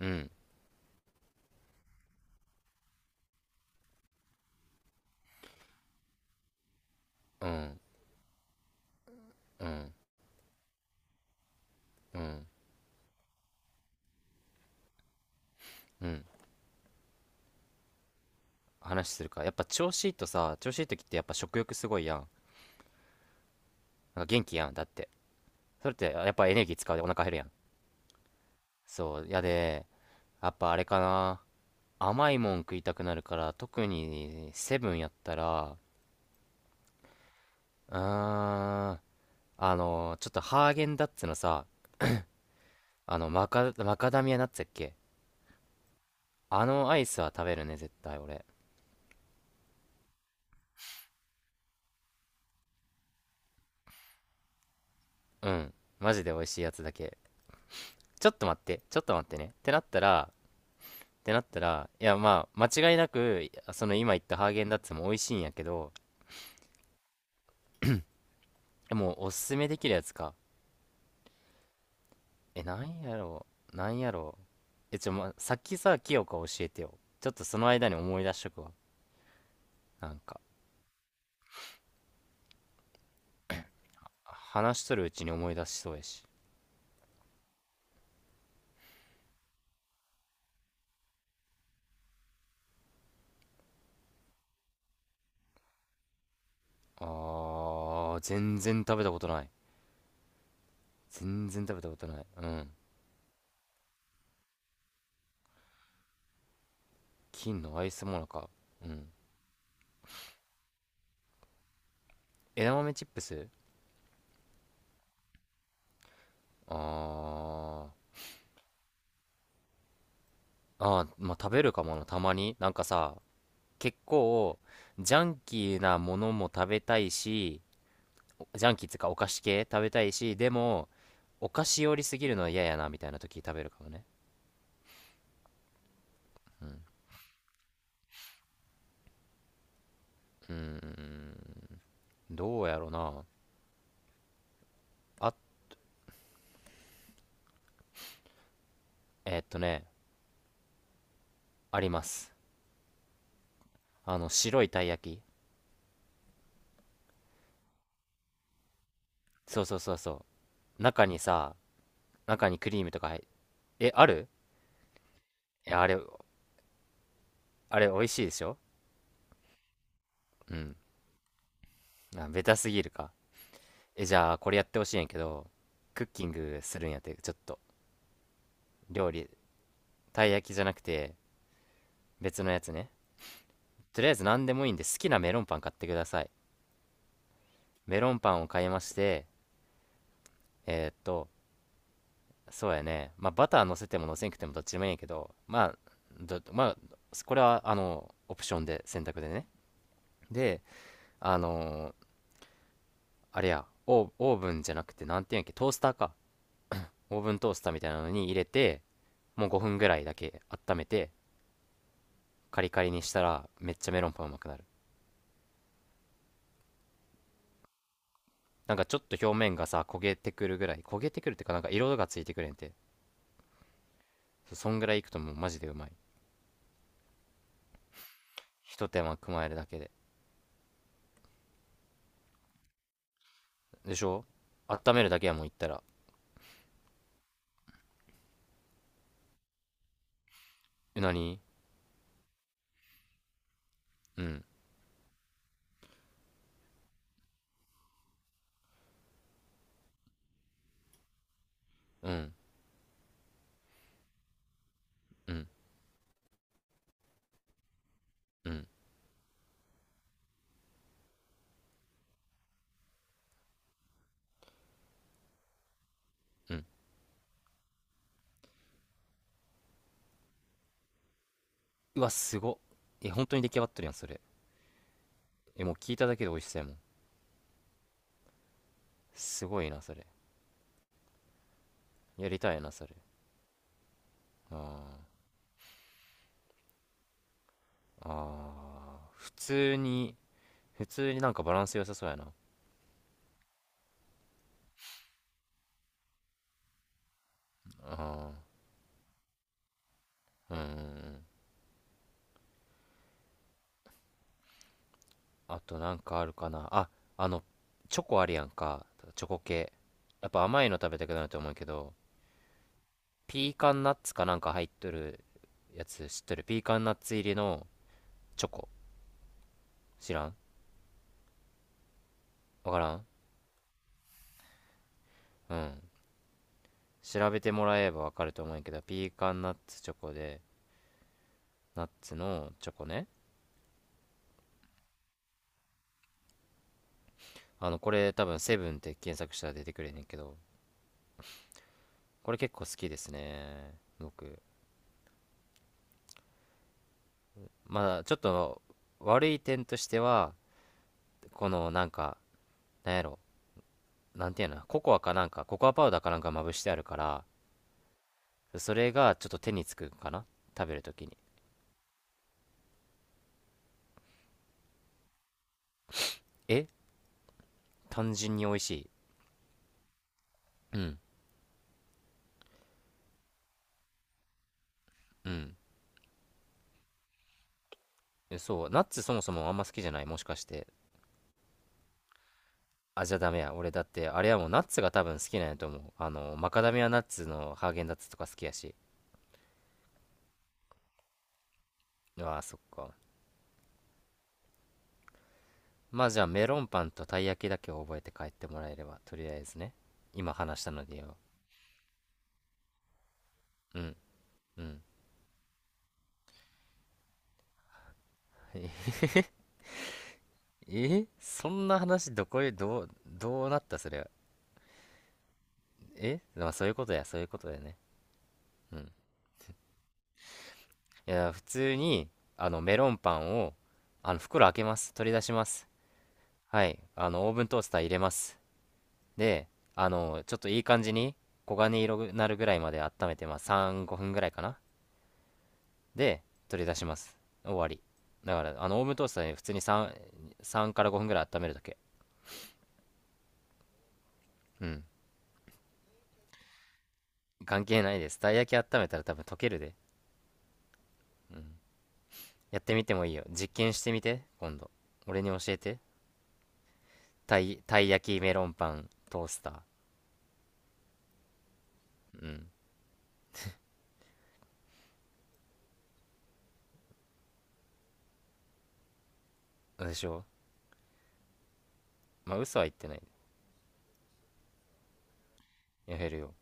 うん、うん、うん、うん、うん。話するか。やっぱ調子いいとさ、調子いい時ってやっぱ食欲すごいやん。なんか元気やん、だって。それってやっぱエネルギー使うでお腹減るやん。そう、やで、やっぱあれかな。甘いもん食いたくなるから、特にセブンやったら、うーん、ちょっとハーゲンダッツのさ、マカダミアナッツやっけ、あのアイスは食べるね、絶対俺。うん。マジで美味しいやつだけ。ちょっと待って、ちょっと待ってね。ってなったら、いやまあ、間違いなく、その今言ったハーゲンダッツも美味しいんやけど、えもうおすすめできるやつか。え、なんやろなんやろう。さっきさ、清香教えてよ。ちょっとその間に思い出しとくわ。なんか、話しとるうちに思い出しそうやし。あー、全然食べたことない。全然食べたことない。うん。金のアイスモナカ。うん。枝豆チップス、あー。あー、まあ、食べるかもな、たまに。なんかさ、結構ジャンキーなものも食べたいし、ジャンキーっていうかお菓子系食べたいし、でもお菓子寄りすぎるのは嫌やなみたいな時食べるかもね。うーん、どうやろうな。あ、えーっとね、あります。あの白いたい焼き、そうそうそうそう。中にさ、中にクリームとか入っ、えある。いやあれ、あれ美味しいでしょ。うん、あベタすぎるか。えじゃあこれやってほしいんやけど、クッキングするんやって、ちょっと料理、たい焼きじゃなくて別のやつね。とりあえず何でもいいんで好きなメロンパン買ってください。メロンパンを買いまして、えーっとそうやね、まあバター乗せても乗せんくてもどっちでもいいんやけど、まあ、これはあのオプションで選択でね。で、あのーあれや、オーブンじゃなくてなんていうんやっけ、トースターか、オーブントースターみたいなのに入れて、もう5分ぐらいだけ温めて、カリカリにしたらめっちゃメロンパンうまくなる。なんかちょっと表面がさ焦げてくるぐらい、焦げてくるっていうか、なんか色がついてくれんて、そんぐらいいくともうマジでうまい。ひと手間加えるだけで。でしょ、温めるだけやもん言ったら。え、なに？うん、うん、うん、うん、うん。うわ、すごっ。え、本当に出来上がってるやん、それ。え、もう聞いただけで美味しそうやもん。すごいな、それ。やりたいな、それ。ああー、普通に、普通になんかバランス良さそうやな。あー、うーん。あとなんかあるかな。あ、あの、チョコあるやんか。チョコ系。やっぱ甘いの食べたくなると思うけど、ピーカンナッツかなんか入っとるやつ知っとる？ピーカンナッツ入りのチョコ、知らん？わからん？うん、調べてもらえばわかると思うんやけど、ピーカンナッツチョコで、ナッツのチョコね。あのこれ多分セブンって検索したら出てくれんねんけど、これ結構好きですね、僕。まあちょっと悪い点としては、このなんか、なんやろなんていうの、ココアかなんか、ココアパウダーかなんかまぶしてあるから、それがちょっと手につくかな、食べるときに。え、単純に美味しい。うん、うん。そう、ナッツそもそもあんま好きじゃない、もしかして。あ、じゃあダメや。俺だって、あれはもうナッツが多分好きなんやと思う。あの、マカダミアナッツのハーゲンダッツとか好きやし。うわあ、そっか。まあじゃあメロンパンとたい焼きだけを覚えて帰ってもらえれば、とりあえずね。今話したのでよ。うん、うん。えそんな話どこへどう、どうなったそれは。えまあそういうことや、そういうことやね。うん。いや、普通に、あの、メロンパンを、あの、袋開けます。取り出します。はい。あの、オーブントースター入れます。で、あの、ちょっといい感じに、黄金色になるぐらいまで温めて、まあ、3、5分ぐらいかな。で、取り出します。終わり。だから、あの、オーブントースターで普通に3から5分ぐらい温めるだけ。うん。関係ないです。たい焼き温めたら多分溶けるで。やってみてもいいよ。実験してみて、今度。俺に教えて。たい焼きメロンパントースター。うん。どうでしょう。まあ嘘は言ってない、や減るよ。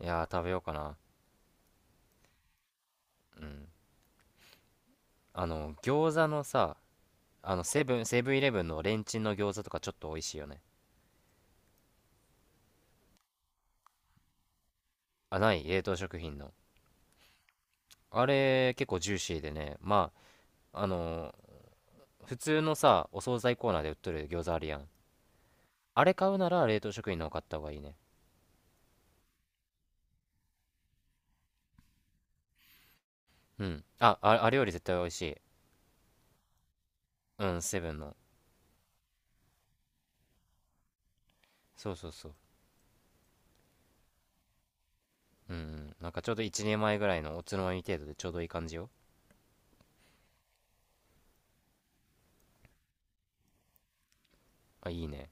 いやー食べようかな。うん、あの餃子のさ、あのセブンイレブンのレンチンの餃子とかちょっと美味しいよね。あ、ない？冷凍食品の、あれ結構ジューシーでね。あの普通のさお惣菜コーナーで売っとる餃子あるやん、あれ買うなら冷凍食品の方買った方がいいね。うん、あ、ああれより絶対美味しい。うん、セブンの。そうそうそう。うん、うん、なんかちょうど1年前ぐらいのおつまみ程度でちょうどいい感じよ。あ、いいね。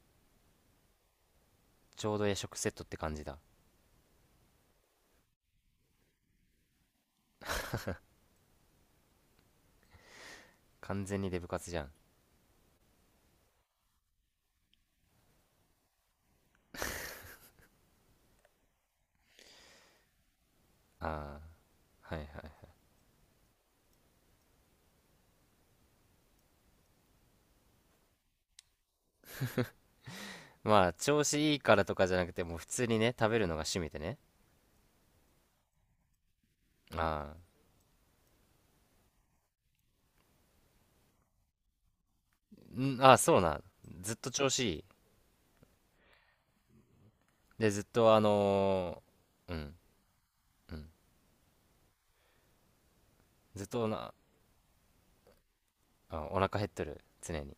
ちょうど夜食セットって感じだ。完全にデブ活じゃん。ああ、はいはい。まあ、調子いいからとかじゃなくて、もう普通にね、食べるのが趣味でね。ああ、ん、ああ、そうな。ずっと調子いい。で、ずっとあの、うん、うん。ずっとあ、お腹減っとる。常に。